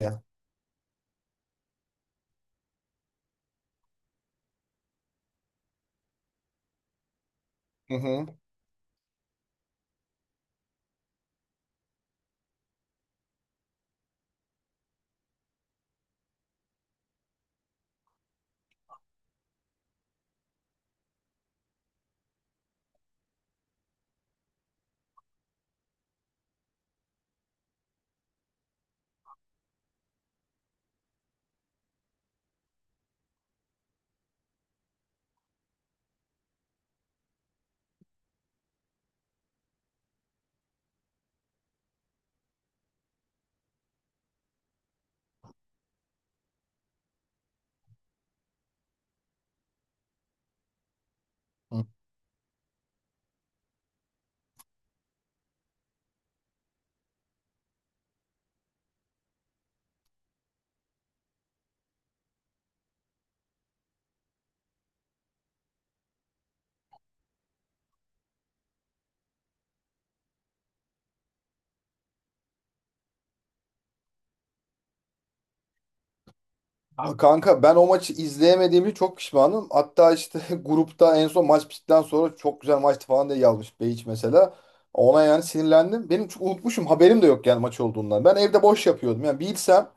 Ya. Hı hı. Hı. Aa, kanka ben o maçı izleyemediğimi çok pişmanım. Hatta işte grupta en son maç bittikten sonra çok güzel maçtı falan diye yazmış Beyiç mesela. Ona yani sinirlendim. Benim çok unutmuşum, haberim de yok yani maç olduğundan. Ben evde boş yapıyordum. Yani bilsem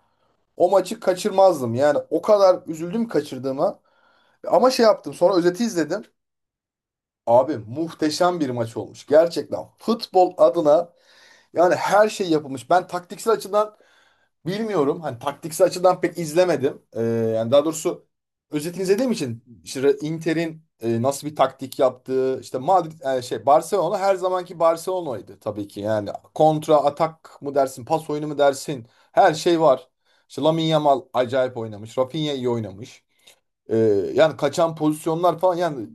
o maçı kaçırmazdım. Yani o kadar üzüldüm kaçırdığıma. Ama şey yaptım, sonra özeti izledim. Abi muhteşem bir maç olmuş. Gerçekten futbol adına yani her şey yapılmış. Ben taktiksel açıdan bilmiyorum. Hani taktiksel açıdan pek izlemedim. Yani daha doğrusu özetini izlediğim için işte Inter'in nasıl bir taktik yaptığı, işte Madrid, yani şey, Barcelona her zamanki Barcelona'ydı tabii ki. Yani kontra atak mı dersin, pas oyunu mu dersin? Her şey var. İşte Lamine Yamal acayip oynamış. Rafinha iyi oynamış. Ee, Yani kaçan pozisyonlar falan, yani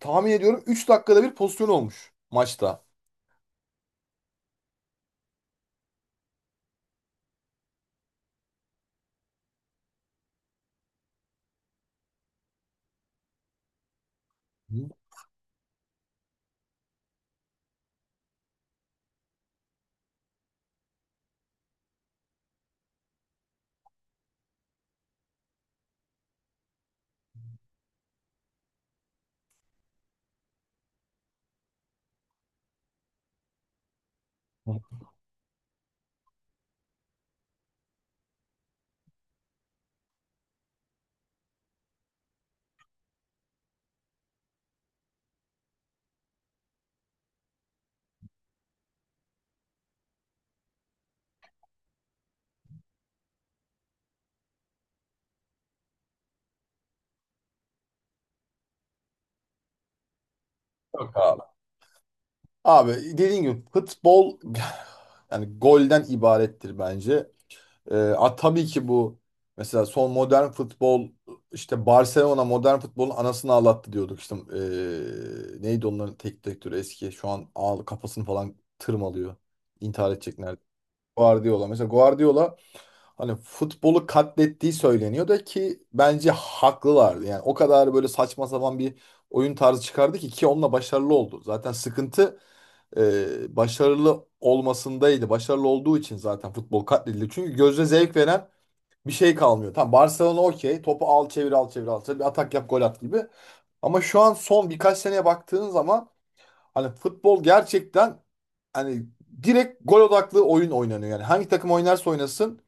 tahmin ediyorum 3 dakikada bir pozisyon olmuş maçta. Hı. Yok abi. Abi dediğim gibi futbol yani golden ibarettir bence. Tabii ki bu, mesela son modern futbol, işte Barcelona modern futbolun anasını ağlattı diyorduk işte. Neydi onların tek direktörü eski, şu an ağ, kafasını falan tırmalıyor. İntihar edecek nerede? Guardiola. Mesela Guardiola, hani futbolu katlettiği söyleniyor da ki bence haklılardı. Yani o kadar böyle saçma sapan bir oyun tarzı çıkardı ki, onunla başarılı oldu. Zaten sıkıntı başarılı olmasındaydı. Başarılı olduğu için zaten futbol katledildi. Çünkü gözle zevk veren bir şey kalmıyor. Tamam, Barcelona, okey. Topu al çevir, al çevir, al çevir. Bir atak yap, gol at gibi. Ama şu an son birkaç seneye baktığın zaman hani futbol gerçekten hani direkt gol odaklı oyun oynanıyor. Yani hangi takım oynarsa oynasın,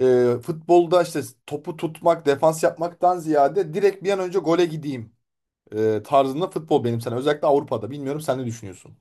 futbolda işte topu tutmak, defans yapmaktan ziyade direkt bir an önce gole gideyim tarzında futbol, benim sana. Özellikle Avrupa'da. Bilmiyorum, sen ne düşünüyorsun?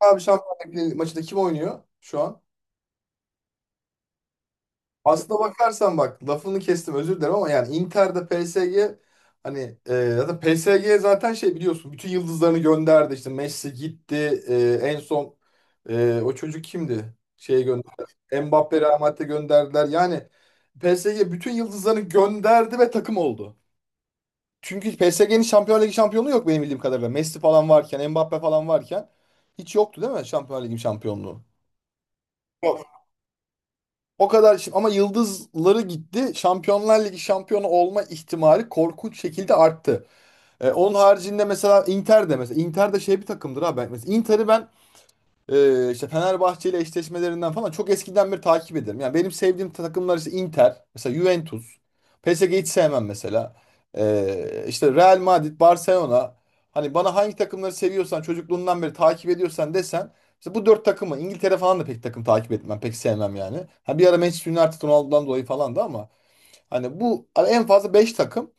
Abi Şampiyonlar Ligi maçında kim oynuyor şu an? Aslına bakarsan, bak lafını kestim özür dilerim ama yani Inter'de PSG, hani zaten PSG zaten şey, biliyorsun bütün yıldızlarını gönderdi, işte Messi gitti, en son o çocuk kimdi? Şeye gönderdi. Mbappe, Real Madrid'e gönderdiler. Yani PSG bütün yıldızlarını gönderdi ve takım oldu. Çünkü PSG'nin Şampiyonlar Ligi şampiyonluğu yok benim bildiğim kadarıyla. Messi falan varken, Mbappe falan varken hiç yoktu, değil mi Şampiyonlar Ligi şampiyonluğu? O kadar şimdi ama yıldızları gitti, Şampiyonlar Ligi şampiyonu olma ihtimali korkunç şekilde arttı. Onun haricinde mesela Inter de, mesela Inter de şey bir takımdır ha. Ben mesela Inter'i ben işte Fenerbahçe ile eşleşmelerinden falan çok eskiden beri takip ederim. Yani benim sevdiğim takımlar işte Inter, mesela Juventus, PSG hiç sevmem mesela. İşte Real Madrid, Barcelona. Hani bana hangi takımları seviyorsan, çocukluğundan beri takip ediyorsan desen işte bu dört takımı. İngiltere falan da pek takım takip etmem, pek sevmem yani. Ha bir ara Manchester United, Ronaldo'dan dolayı falan da ama hani bu hani en fazla beş takım.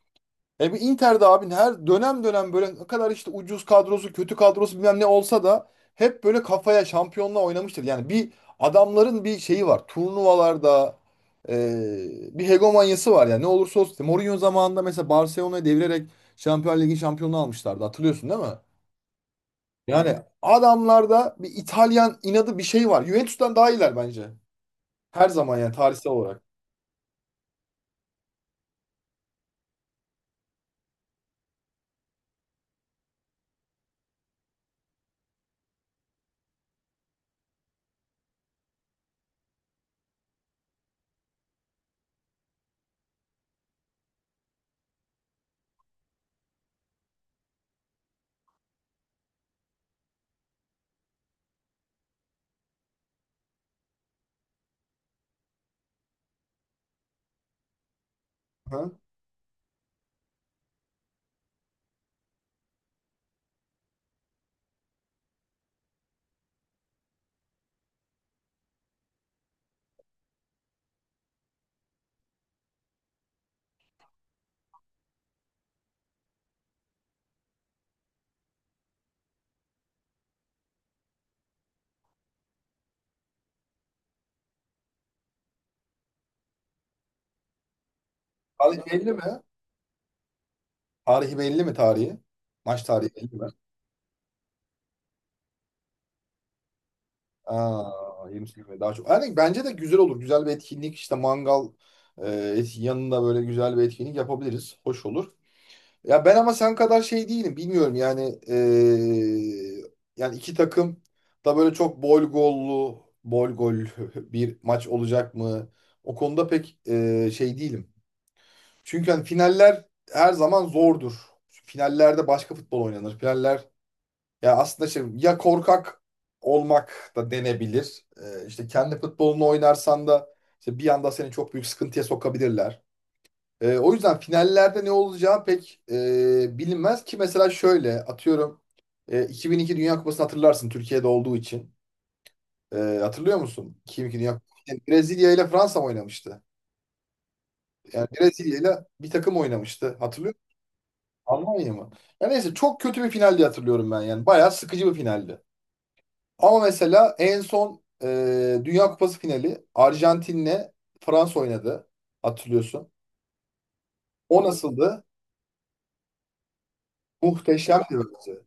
Bu Inter'de abi her dönem, dönem böyle ne kadar işte ucuz kadrosu, kötü kadrosu, bilmem ne olsa da hep böyle kafaya şampiyonla oynamıştır. Yani bir, adamların bir şeyi var. Turnuvalarda e, bir hegemonyası var yani, ne olursa olsun. İşte Mourinho zamanında mesela Barcelona'yı devirerek Şampiyonlar Ligi şampiyonluğu almışlardı. Hatırlıyorsun değil mi? Yani adamlarda bir İtalyan inadı, bir şey var. Juventus'tan daha iyiler bence. Her zaman, yani tarihsel olarak. Hı? Tarihi belli mi? Tarihi belli mi, tarihi? Maç tarihi belli mi? Aa, yeni sürme daha çok. Yani bence de güzel olur. Güzel bir etkinlik işte, mangal, e, yanında böyle güzel bir etkinlik yapabiliriz. Hoş olur. Ya ben ama sen kadar şey değilim. Bilmiyorum yani, yani iki takım da böyle çok bol gollu bol gol bir maç olacak mı? O konuda pek şey değilim. Çünkü hani finaller her zaman zordur. Finallerde başka futbol oynanır. Finaller ya aslında şey, ya korkak olmak da denebilir. İşte kendi futbolunu oynarsan da işte bir anda seni çok büyük sıkıntıya sokabilirler. O yüzden finallerde ne olacağı pek bilinmez. Ki mesela şöyle atıyorum, 2002 Dünya Kupası'nı hatırlarsın Türkiye'de olduğu için. Ee, Hatırlıyor musun 2002 Dünya Kupası. Yani Brezilya ile Fransa mı oynamıştı? Yani Brezilya ile bir takım oynamıştı. Hatırlıyor musun? Almanya mı? Ya neyse, çok kötü bir final diye hatırlıyorum ben yani. Bayağı sıkıcı bir finaldi. Ama mesela en son Dünya Kupası finali Arjantin'le Fransa oynadı. Hatırlıyorsun. O nasıldı? Muhteşemdi bence.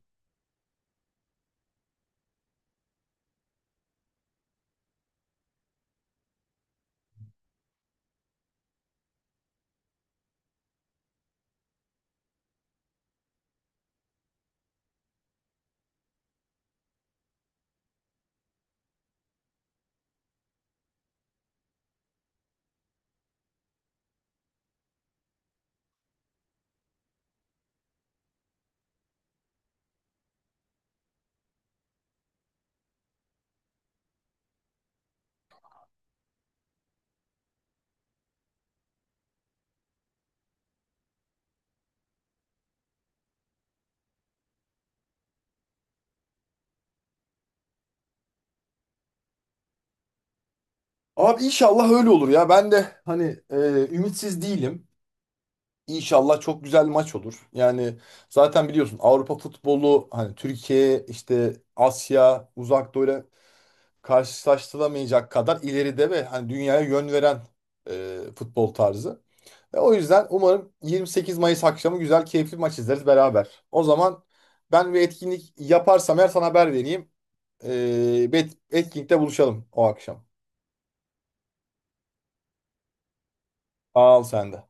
Abi inşallah öyle olur ya. Ben de hani e, ümitsiz değilim. İnşallah çok güzel maç olur. Yani zaten biliyorsun Avrupa futbolu, hani Türkiye, işte Asya, Uzak Doğu'yla karşılaştırılamayacak kadar ileride ve hani dünyaya yön veren futbol tarzı. Ve o yüzden umarım 28 Mayıs akşamı güzel, keyifli bir maç izleriz beraber. O zaman ben bir etkinlik yaparsam eğer sana haber vereyim. Bir etkinlikte buluşalım o akşam. Al sen de.